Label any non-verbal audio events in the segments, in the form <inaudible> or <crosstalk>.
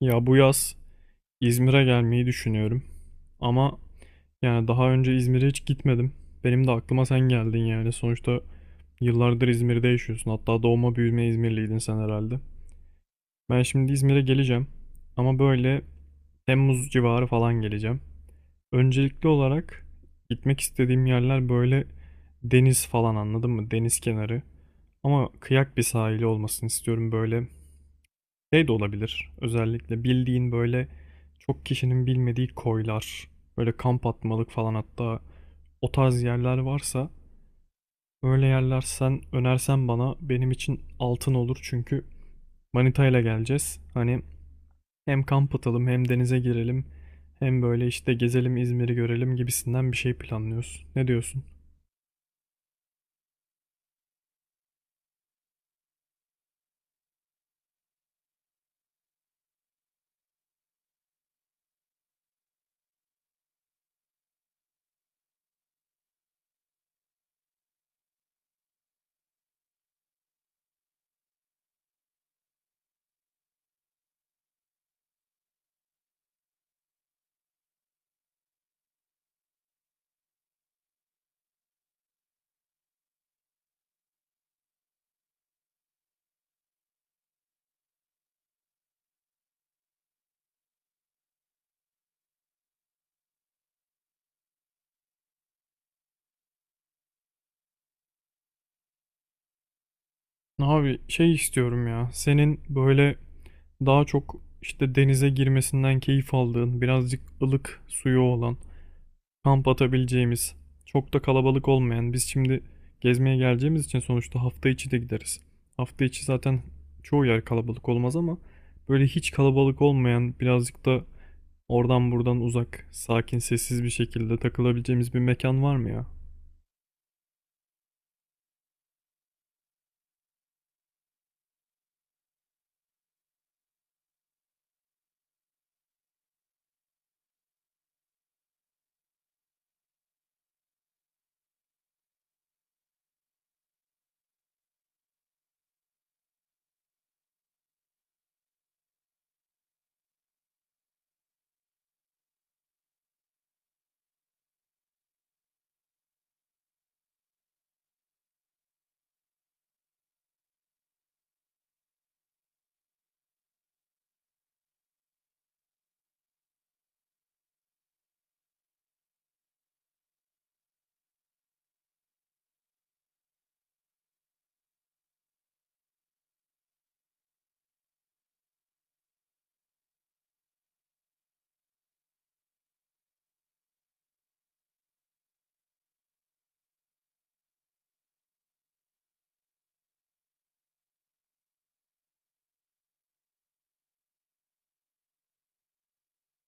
Ya bu yaz İzmir'e gelmeyi düşünüyorum. Ama daha önce İzmir'e hiç gitmedim. Benim de aklıma sen geldin yani. Sonuçta yıllardır İzmir'de yaşıyorsun. Hatta doğma büyüme İzmirliydin sen herhalde. Ben şimdi İzmir'e geleceğim. Ama böyle Temmuz civarı falan geleceğim. Öncelikli olarak gitmek istediğim yerler böyle deniz falan anladın mı? Deniz kenarı. Ama kıyak bir sahili olmasını istiyorum böyle. Şey de olabilir. Özellikle bildiğin böyle çok kişinin bilmediği koylar, böyle kamp atmalık falan, hatta o tarz yerler varsa öyle yerler sen önersen bana benim için altın olur, çünkü manitayla geleceğiz. Hani hem kamp atalım, hem denize girelim, hem böyle işte gezelim İzmir'i görelim gibisinden bir şey planlıyoruz. Ne diyorsun? Abi şey istiyorum ya. Senin böyle daha çok işte denize girmesinden keyif aldığın, birazcık ılık suyu olan, kamp atabileceğimiz, çok da kalabalık olmayan. Biz şimdi gezmeye geleceğimiz için sonuçta hafta içi de gideriz. Hafta içi zaten çoğu yer kalabalık olmaz, ama böyle hiç kalabalık olmayan, birazcık da oradan buradan uzak, sakin, sessiz bir şekilde takılabileceğimiz bir mekan var mı ya?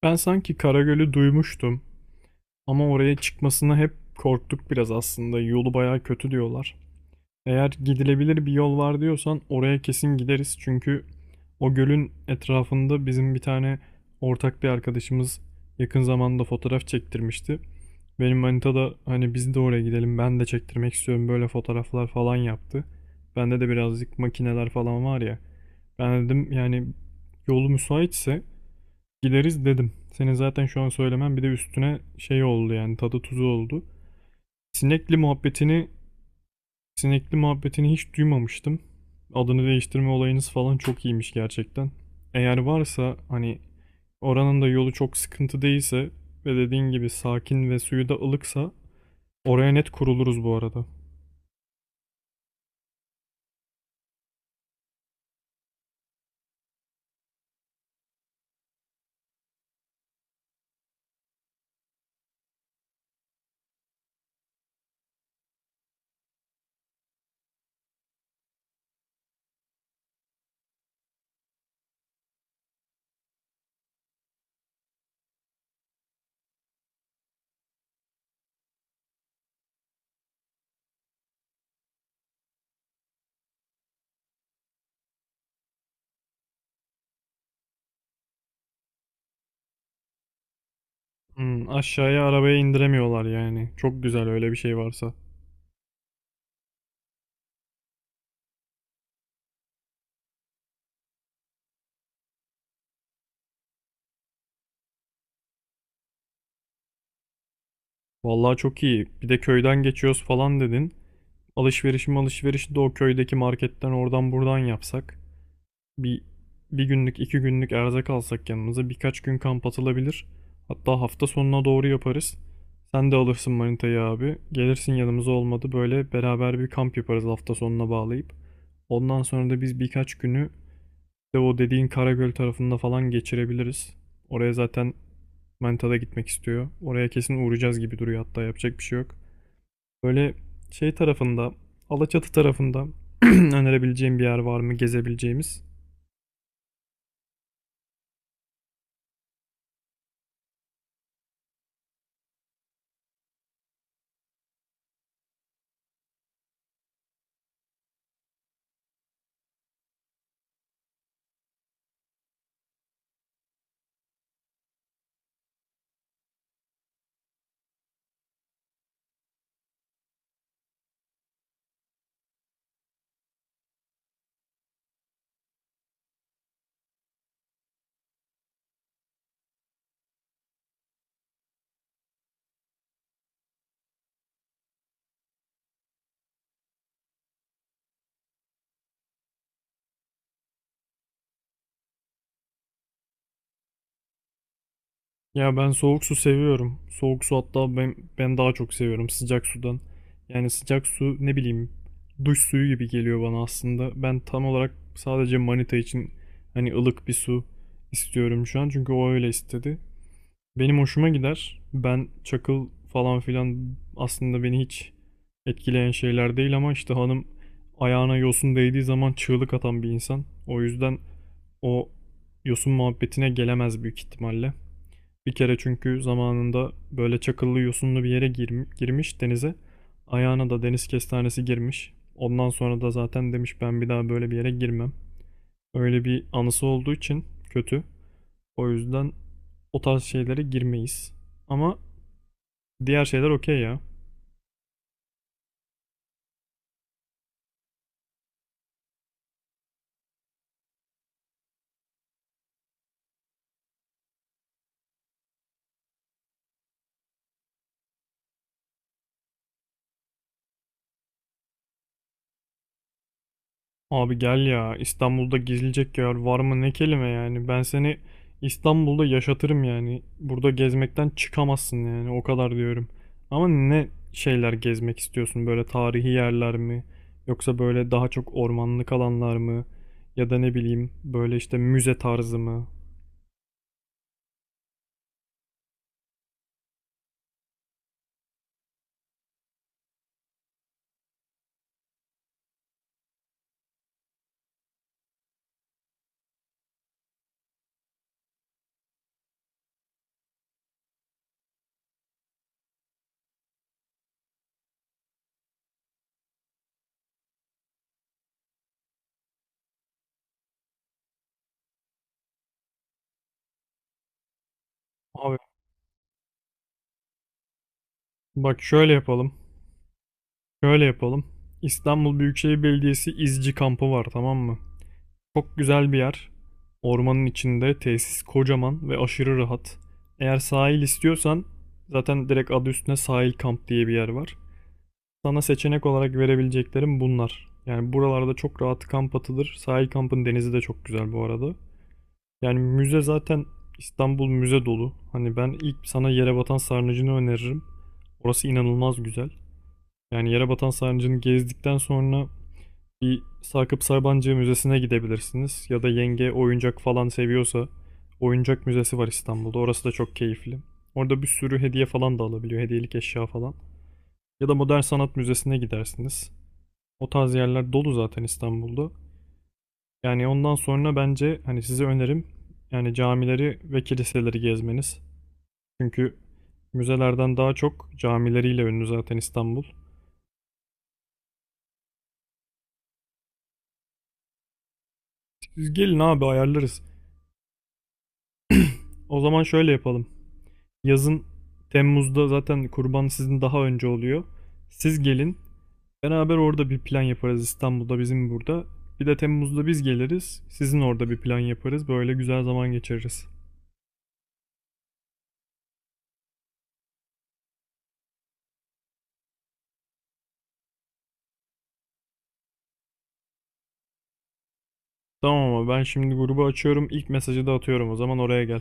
Ben sanki Karagöl'ü duymuştum ama oraya çıkmasına hep korktuk biraz aslında. Yolu bayağı kötü diyorlar. Eğer gidilebilir bir yol var diyorsan oraya kesin gideriz. Çünkü o gölün etrafında bizim bir tane ortak bir arkadaşımız yakın zamanda fotoğraf çektirmişti. Benim manita da hani biz de oraya gidelim, ben de çektirmek istiyorum böyle fotoğraflar falan yaptı. Bende de birazcık makineler falan var ya. Ben dedim yani yolu müsaitse gideriz dedim. Senin zaten şu an söylemen bir de üstüne şey oldu, yani tadı tuzu oldu. Sinekli muhabbetini Sinekli muhabbetini hiç duymamıştım. Adını değiştirme olayınız falan çok iyiymiş gerçekten. Eğer varsa hani oranın da yolu çok sıkıntı değilse ve dediğin gibi sakin ve suyu da ılıksa oraya net kuruluruz bu arada. Hmm, aşağıya arabaya indiremiyorlar yani. Çok güzel öyle bir şey varsa. Vallahi çok iyi. Bir de köyden geçiyoruz falan dedin. Alışverişi de o köydeki marketten oradan buradan yapsak. Bir, bir günlük, iki günlük erzak alsak yanımıza birkaç gün kamp atılabilir. Hatta hafta sonuna doğru yaparız. Sen de alırsın manitayı abi. Gelirsin yanımıza, olmadı böyle beraber bir kamp yaparız hafta sonuna bağlayıp. Ondan sonra da biz birkaç günü de o dediğin Karagöl tarafında falan geçirebiliriz. Oraya zaten manita da gitmek istiyor. Oraya kesin uğrayacağız gibi duruyor, hatta yapacak bir şey yok. Böyle şey tarafında, Alaçatı tarafında <clears throat> <laughs> önerebileceğim bir yer var mı gezebileceğimiz? Ya ben soğuk su seviyorum. Soğuk su hatta ben daha çok seviyorum sıcak sudan. Yani sıcak su ne bileyim, duş suyu gibi geliyor bana aslında. Ben tam olarak sadece manita için hani ılık bir su istiyorum şu an çünkü o öyle istedi. Benim hoşuma gider. Ben çakıl falan filan aslında beni hiç etkileyen şeyler değil, ama işte hanım ayağına yosun değdiği zaman çığlık atan bir insan. O yüzden o yosun muhabbetine gelemez büyük ihtimalle. Bir kere çünkü zamanında böyle çakıllı yosunlu bir yere girmiş denize. Ayağına da deniz kestanesi girmiş. Ondan sonra da zaten demiş ben bir daha böyle bir yere girmem. Öyle bir anısı olduğu için kötü. O yüzden o tarz şeylere girmeyiz. Ama diğer şeyler okey ya. Abi gel ya, İstanbul'da gezilecek yer var mı ne kelime yani, ben seni İstanbul'da yaşatırım yani, burada gezmekten çıkamazsın yani o kadar diyorum. Ama ne şeyler gezmek istiyorsun, böyle tarihi yerler mi, yoksa böyle daha çok ormanlık alanlar mı, ya da ne bileyim böyle işte müze tarzı mı? Abi bak şöyle yapalım, İstanbul Büyükşehir Belediyesi İzci kampı var, tamam mı? Çok güzel bir yer. Ormanın içinde tesis kocaman ve aşırı rahat. Eğer sahil istiyorsan zaten direkt adı üstüne sahil kamp diye bir yer var. Sana seçenek olarak verebileceklerim bunlar. Yani buralarda çok rahat kamp atılır. Sahil kampın denizi de çok güzel bu arada. Yani müze zaten, İstanbul müze dolu. Hani ben ilk sana yere batan sarnıcını öneririm. Orası inanılmaz güzel. Yani yere batan sarnıcını gezdikten sonra bir Sakıp Sabancı Müzesi'ne gidebilirsiniz, ya da yenge oyuncak falan seviyorsa oyuncak müzesi var İstanbul'da. Orası da çok keyifli. Orada bir sürü hediye falan da alabiliyor, hediyelik eşya falan. Ya da Modern Sanat Müzesi'ne gidersiniz. O tarz yerler dolu zaten İstanbul'da. Yani ondan sonra bence hani size önerim yani camileri ve kiliseleri gezmeniz. Çünkü müzelerden daha çok camileriyle ünlü zaten İstanbul. Siz gelin abi, ayarlarız. O zaman şöyle yapalım. Yazın Temmuz'da zaten kurban sizin daha önce oluyor. Siz gelin. Beraber orada bir plan yaparız İstanbul'da bizim burada. Bir de Temmuz'da biz geliriz. Sizin orada bir plan yaparız. Böyle güzel zaman geçiririz. Tamam, ama ben şimdi grubu açıyorum. İlk mesajı da atıyorum, o zaman oraya gel.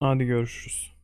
Hadi görüşürüz.